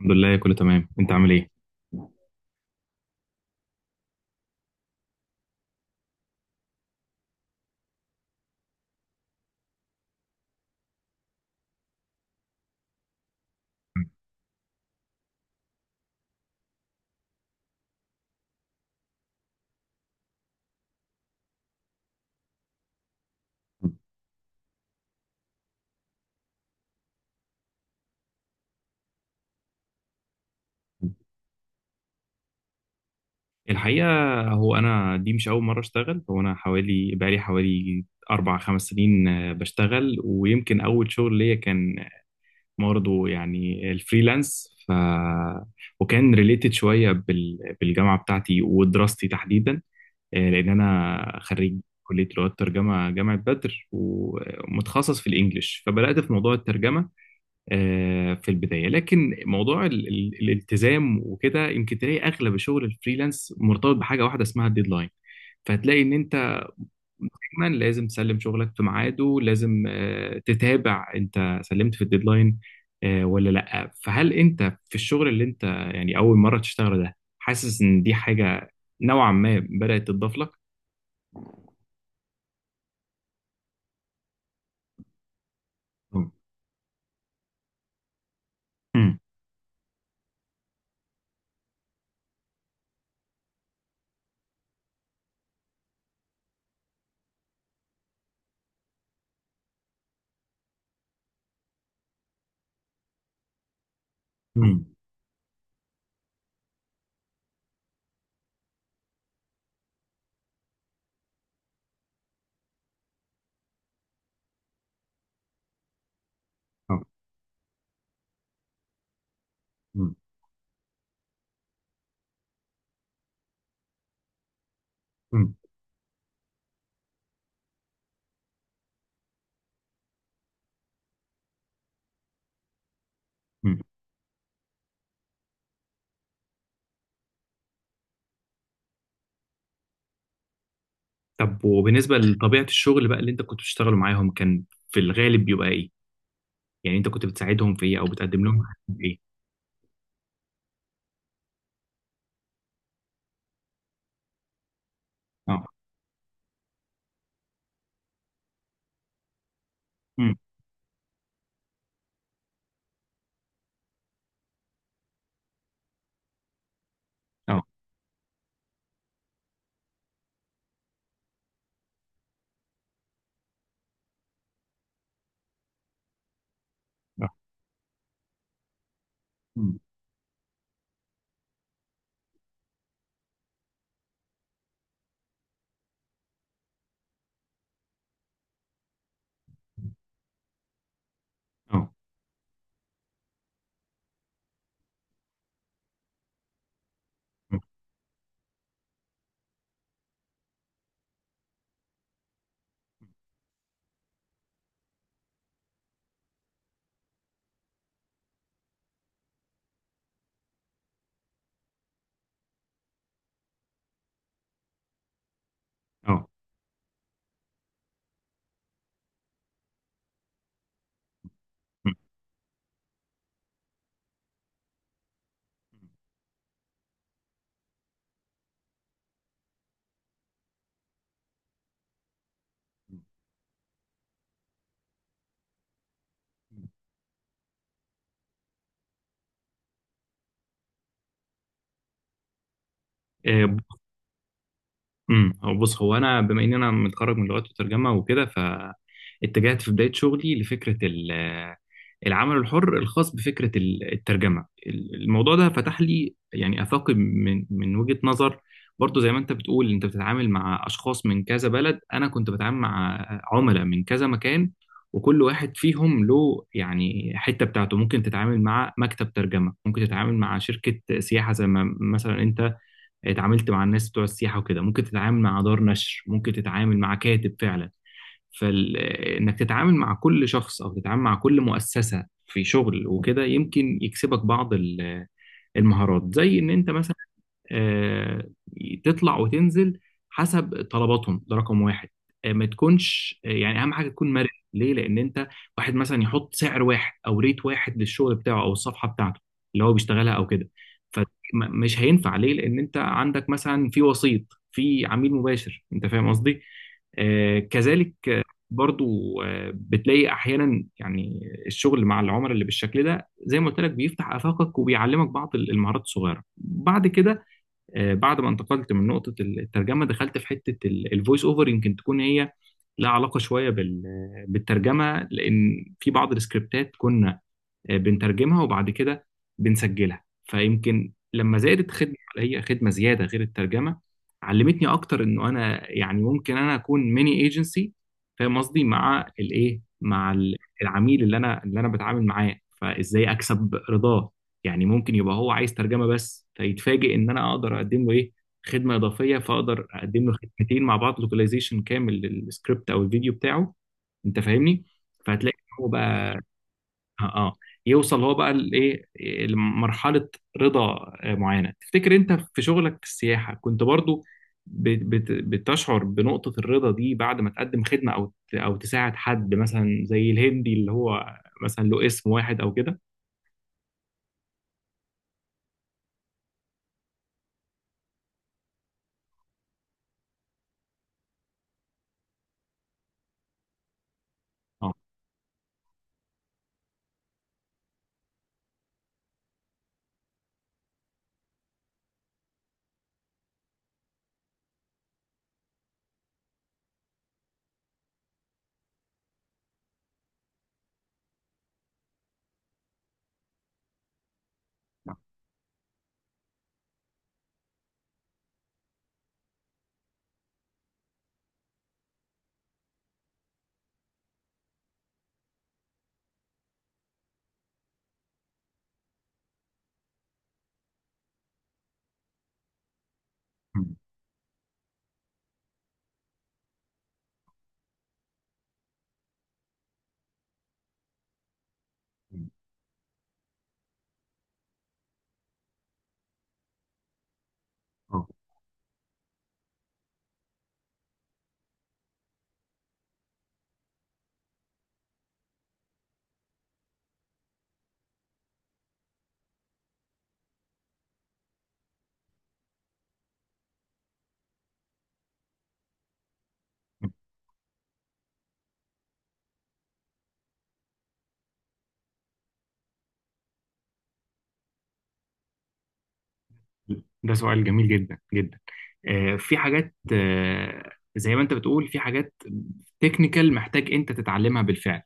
الحمد لله، كله تمام. انت عامل ايه؟ الحقيقه هو انا دي مش اول مره اشتغل. هو انا بقالي حوالي اربع خمس سنين بشتغل، ويمكن اول شغل ليا كان برضه يعني الفريلانس، ف وكان ريليتد شويه بالجامعه بتاعتي ودراستي تحديدا. لان انا خريج كليه لغات ترجمه جامعه بدر ومتخصص في الانجليش، فبدات في موضوع الترجمه في البداية. لكن موضوع الالتزام وكده، يمكن تلاقي أغلب الشغل الفريلانس مرتبط بحاجة واحدة اسمها الديدلاين، فهتلاقي إن أنت دايما لازم تسلم شغلك في ميعاده، لازم تتابع انت سلمت في الديدلاين ولا لا. فهل انت في الشغل اللي انت يعني اول مره تشتغله ده حاسس ان دي حاجه نوعا ما بدات تضاف لك؟ مم. مم. مم. آه. مم. مم. طب وبالنسبة لطبيعة الشغل بقى اللي انت كنت بتشتغله معاهم، كان في الغالب بيبقى ايه؟ يعني انت كنت بتساعدهم في ايه او بتقدم لهم خدمة ايه؟ اه. امم. اه. اه. امم. اه. امم. اه. امم. امم، هو انا بما ان انا متخرج من لغات وترجمه وكده، فاتجهت في بدايه شغلي لفكره العمل الحر، الخاص بفكره الترجمه. الموضوع ده فتح لي يعني افاقي، من وجهه نظر. برضو زي ما انت بتقول انت بتتعامل مع اشخاص من كذا بلد، انا كنت بتعامل مع عملاء من كذا مكان، وكل واحد فيهم له يعني حته بتاعته. ممكن تتعامل مع مكتب ترجمه، ممكن تتعامل مع شركه سياحه زي ما مثلا انت اتعاملت مع الناس بتوع السياحة وكده، ممكن تتعامل مع دار نشر، ممكن تتعامل مع كاتب فعلا. فإنك تتعامل مع كل شخص أو تتعامل مع كل مؤسسة في شغل وكده، يمكن يكسبك بعض المهارات، زي إن أنت مثلا آه، تطلع وتنزل حسب طلباتهم، ده رقم واحد. ما تكونش يعني اهم حاجه تكون مرن. ليه؟ لان انت واحد مثلا يحط سعر واحد او ريت واحد للشغل بتاعه او الصفحه بتاعته اللي هو بيشتغلها او كده، فمش هينفع. ليه؟ لان انت عندك مثلا في وسيط، في عميل مباشر، انت فاهم قصدي. كذلك برضو بتلاقي احيانا يعني الشغل مع العملاء اللي بالشكل ده زي ما قلت لك بيفتح افاقك وبيعلمك بعض المهارات الصغيره. بعد كده بعد ما انتقلت من نقطة الترجمة، دخلت في حتة الفويس اوفر، يمكن تكون هي لها علاقة شوية بالترجمة، لأن في بعض السكريبتات كنا بنترجمها وبعد كده بنسجلها. فيمكن لما زادت خدمة، هي خدمة زيادة غير الترجمة، علمتني أكتر إنه أنا يعني ممكن أنا أكون ميني ايجنسي. فاهم قصدي؟ مع الإيه، مع العميل اللي أنا بتعامل معاه، فإزاي أكسب رضاه. يعني ممكن يبقى هو عايز ترجمة بس، فيتفاجئ إن أنا أقدر أقدم له إيه، خدمة إضافية، فأقدر أقدم له خدمتين مع بعض، لوكاليزيشن كامل للسكريبت أو الفيديو بتاعه. أنت فاهمني؟ فهتلاقي إن هو بقى اه. آه، يوصل هو بقى لايه، إيه، لمرحله رضا معينه. تفتكر انت في شغلك في السياحه كنت برضو بت- بت- بتشعر بنقطه الرضا دي بعد ما تقدم خدمه او او تساعد حد مثلا زي الهندي اللي هو مثلا له اسم واحد او كده؟ اه. مم. مم. اه، ده سؤال جميل جدا جدا. في حاجات زي ما انت بتقول، في حاجات تكنيكال محتاج انت تتعلمها بالفعل،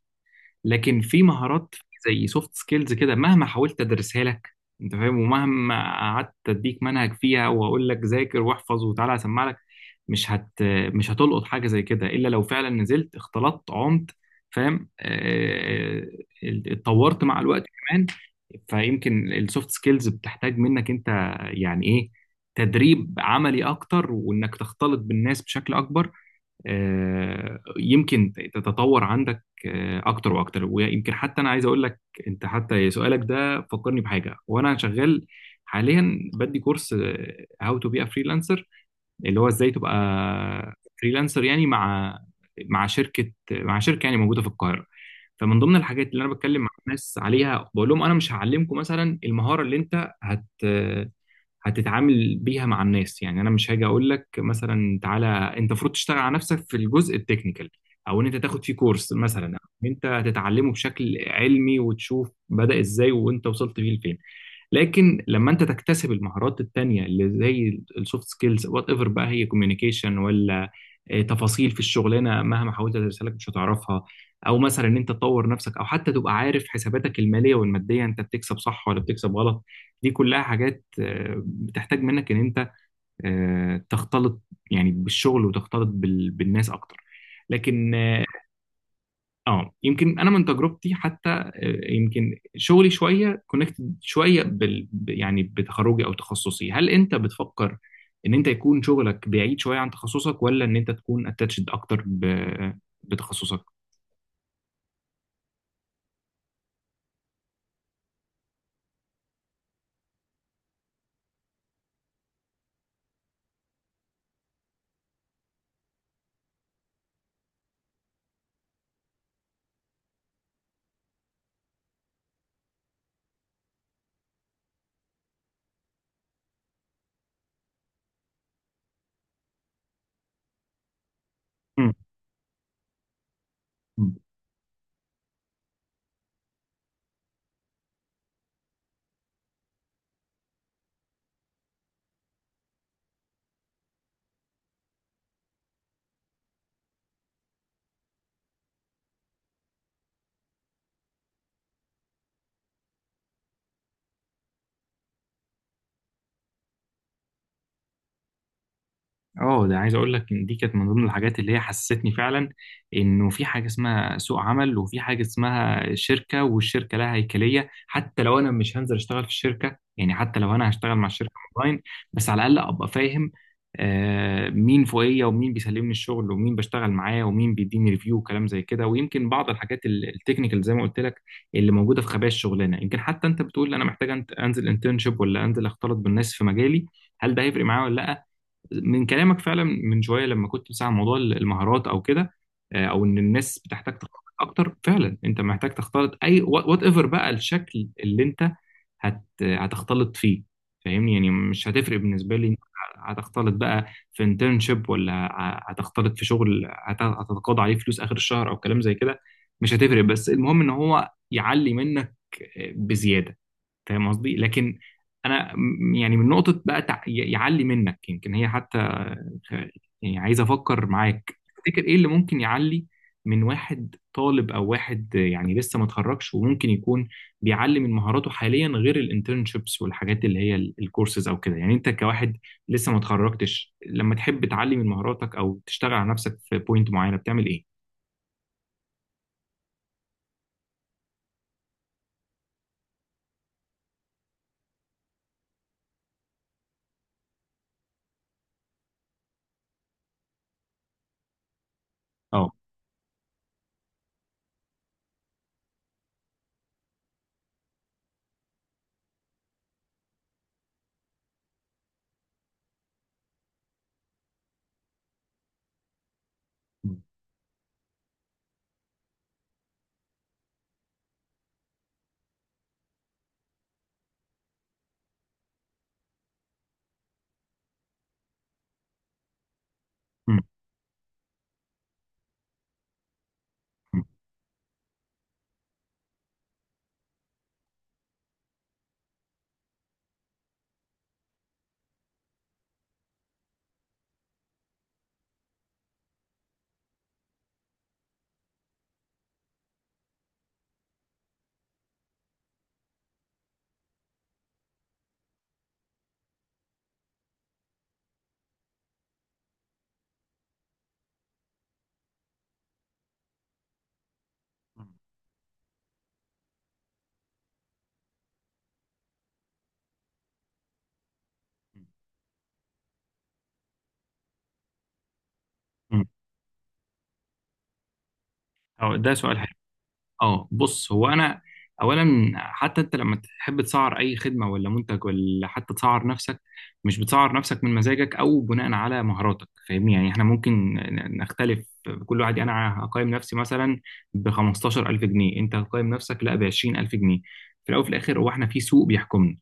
لكن في مهارات زي سوفت سكيلز كده مهما حاولت ادرسها لك انت فاهم، ومهما قعدت اديك منهج فيها واقول لك ذاكر واحفظ وتعالى اسمع لك، مش هت مش هتلقط حاجه زي كده الا لو فعلا نزلت، اختلطت، عمت، فاهم، اتطورت مع الوقت كمان. فيمكن السوفت سكيلز بتحتاج منك انت يعني ايه، تدريب عملي اكتر، وانك تختلط بالناس بشكل اكبر. يمكن تتطور عندك اكتر واكتر. ويمكن حتى انا عايز اقول لك انت، حتى سؤالك ده فكرني بحاجه. وانا شغال حاليا بدي كورس، هاو تو بي ا فريلانسر، اللي هو ازاي تبقى فريلانسر، يعني مع مع شركه يعني موجوده في القاهره. فمن ضمن الحاجات اللي انا بتكلم مع الناس عليها بقول لهم انا مش هعلمكم مثلا المهاره اللي انت هت هتتعامل بيها مع الناس. يعني انا مش هاجي اقول لك مثلا تعالى، انت المفروض تشتغل على نفسك في الجزء التكنيكال، او ان انت تاخد فيه كورس مثلا، او ان انت تتعلمه بشكل علمي وتشوف بدأ ازاي وانت وصلت بيه لفين. لكن لما انت تكتسب المهارات التانية اللي زي السوفت سكيلز، وات ايفر بقى هي كوميونيكيشن ولا تفاصيل في الشغلانه، مهما حاولت تدرسها لك مش هتعرفها. او مثلا ان انت تطور نفسك، او حتى تبقى عارف حساباتك الماليه والماديه، انت بتكسب صح ولا بتكسب غلط. دي كلها حاجات بتحتاج منك ان انت تختلط يعني بالشغل وتختلط بالناس اكتر. لكن اه يمكن انا من تجربتي حتى، يمكن شغلي شويه كونكتد شويه يعني بتخرجي او تخصصي. هل انت بتفكر ان انت يكون شغلك بعيد شويه عن تخصصك، ولا ان انت تكون اتاتشد اكتر بتخصصك؟ مم. اه، ده عايز اقول لك ان دي كانت من ضمن الحاجات اللي هي حسستني فعلا انه في حاجه اسمها سوق عمل، وفي حاجه اسمها شركه، والشركه لها هيكليه. حتى لو انا مش هنزل اشتغل في الشركه، يعني حتى لو انا هشتغل مع الشركه اونلاين، بس على الاقل ابقى فاهم آه مين فوقيه، ومين بيسلمني الشغل، ومين بشتغل معاه، ومين بيديني ريفيو، وكلام زي كده. ويمكن بعض الحاجات التكنيكال زي ما قلت لك، اللي موجوده في خبايا الشغلانه. يمكن حتى انت بتقول انا محتاج انزل انترنشيب، ولا انزل اختلط بالناس في مجالي، هل ده هيفرق معايا ولا لا. من كلامك فعلا من شويه لما كنت بتسمع عن موضوع المهارات او كده، او ان الناس بتحتاج تختلط اكتر، فعلا انت محتاج تختلط، اي وات ايفر بقى الشكل اللي انت هت هتختلط فيه. فاهمني؟ يعني مش هتفرق بالنسبه لي انت هتختلط بقى في انترنشيب، ولا هتختلط في شغل هتتقاضى عليه فلوس اخر الشهر او كلام زي كده. مش هتفرق، بس المهم ان هو يعلي منك بزياده، فاهم قصدي. لكن انا يعني من نقطه بقى يعلي منك، يمكن هي حتى خ- يعني عايز افكر معاك، تفتكر ايه اللي ممكن يعلي من واحد طالب، او واحد يعني لسه ما اتخرجش، وممكن يكون بيعلي من مهاراته حاليا غير الانترنشيبس والحاجات اللي هي الكورسز او كده؟ يعني انت كواحد لسه ما اتخرجتش، لما تحب تعلي من مهاراتك او تشتغل على نفسك في بوينت معينه، بتعمل ايه؟ اه. م- م- م- م- م- اه، ده سؤال. اه، بص هو انا اولا، حتى انت لما تحب تسعر اي خدمه ولا منتج، ولا حتى تسعر نفسك، مش بتسعر نفسك من مزاجك او بناء على مهاراتك، فاهمني. يعني احنا ممكن نختلف، كل واحد يعني، انا هقيم نفسي مثلا ب 15,000 جنيه، انت هتقيم نفسك لا ب 20,000 جنيه. في الاول وفي الاخر هو احنا في سوق بيحكمنا،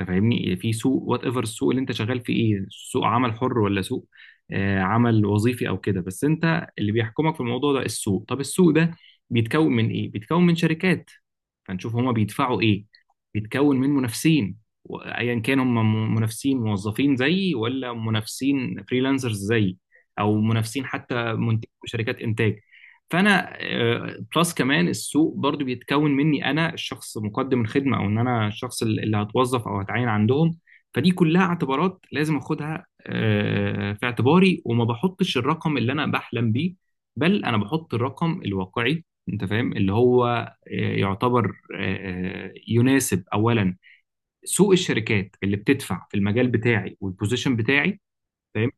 انت فاهمني، في سوق، وات ايفر السوق اللي انت شغال فيه ايه، سوق عمل حر ولا سوق عمل وظيفي او كده. بس انت اللي بيحكمك في الموضوع ده السوق. طب السوق بيتكون من ايه؟ بيتكون من شركات، فنشوف هما بيدفعوا ايه. بيتكون من منافسين، وايا كان هم منافسين موظفين زيي، ولا منافسين فريلانسرز زيي، او منافسين حتى منتج شركات انتاج. فانا بلس كمان السوق برضو بيتكون مني انا، الشخص مقدم الخدمه، او ان انا الشخص اللي هتوظف او هتعين عندهم. فدي كلها اعتبارات لازم اخدها في اعتباري، وما بحطش الرقم اللي انا بحلم بيه، بل انا بحط الرقم الواقعي. انت فاهم، اللي هو يعتبر يناسب اولا سوق الشركات اللي بتدفع في المجال بتاعي والبوزيشن بتاعي. فاهمني؟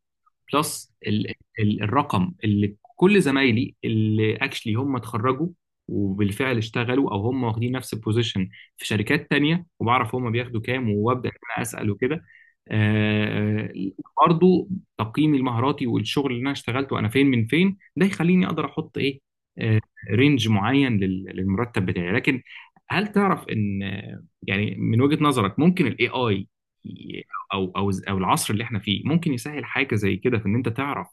بلس ال ال الرقم اللي كل زمايلي اللي اكشلي هم اتخرجوا وبالفعل اشتغلوا، او هم واخدين نفس البوزيشن في شركات تانية، وبعرف هم بياخدوا كام، وابدا ان انا اسال وكده. آه، برضو تقييمي المهاراتي والشغل اللي انا اشتغلته، انا فين من فين، ده يخليني اقدر احط ايه آه، رينج معين للمرتب بتاعي. لكن هل تعرف ان يعني من وجهة نظرك ممكن الاي اي او العصر اللي احنا فيه ممكن يسهل حاجه زي كده، في ان انت تعرف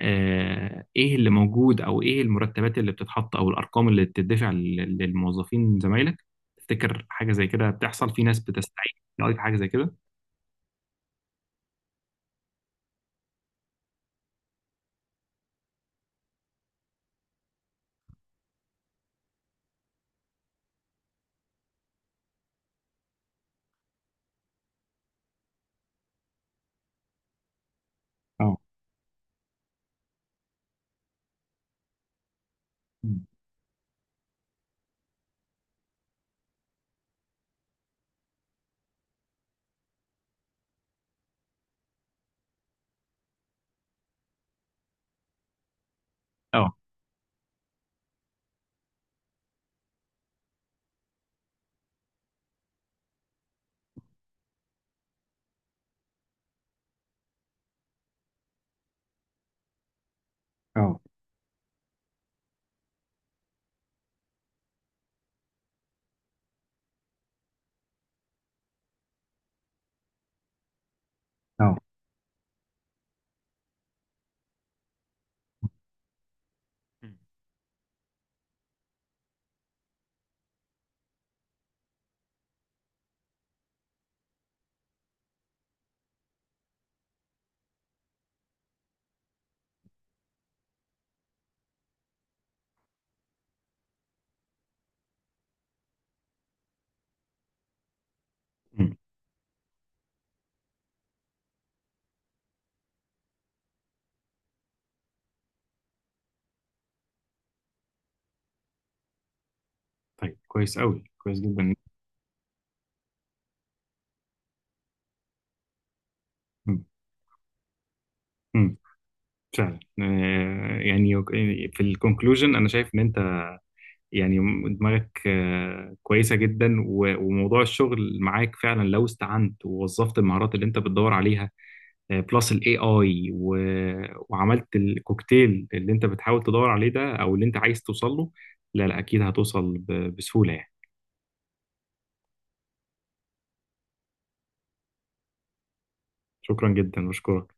آه ايه اللي موجود، او ايه المرتبات اللي بتتحط، او الارقام اللي بتدفع للموظفين زمايلك؟ تفتكر حاجه زي كده بتحصل؟ في ناس بتستعين؟ بتلاقي في حاجه زي كده؟ اه. مم. اه. اه. اه. مم. مم. طيب، كويس قوي، كويس جدا. مم. مم. فعلا آه، يعني في الكونكلوجن انا شايف ان انت يعني دماغك كويسة جدا، وموضوع الشغل معاك فعلا لو استعنت ووظفت المهارات اللي انت بتدور عليها بلس الاي اي، وعملت الكوكتيل اللي انت بتحاول تدور عليه ده، او اللي انت عايز توصل له، لا لا، اكيد هتوصل بسهولة يعني. شكرا جدا، بشكرك.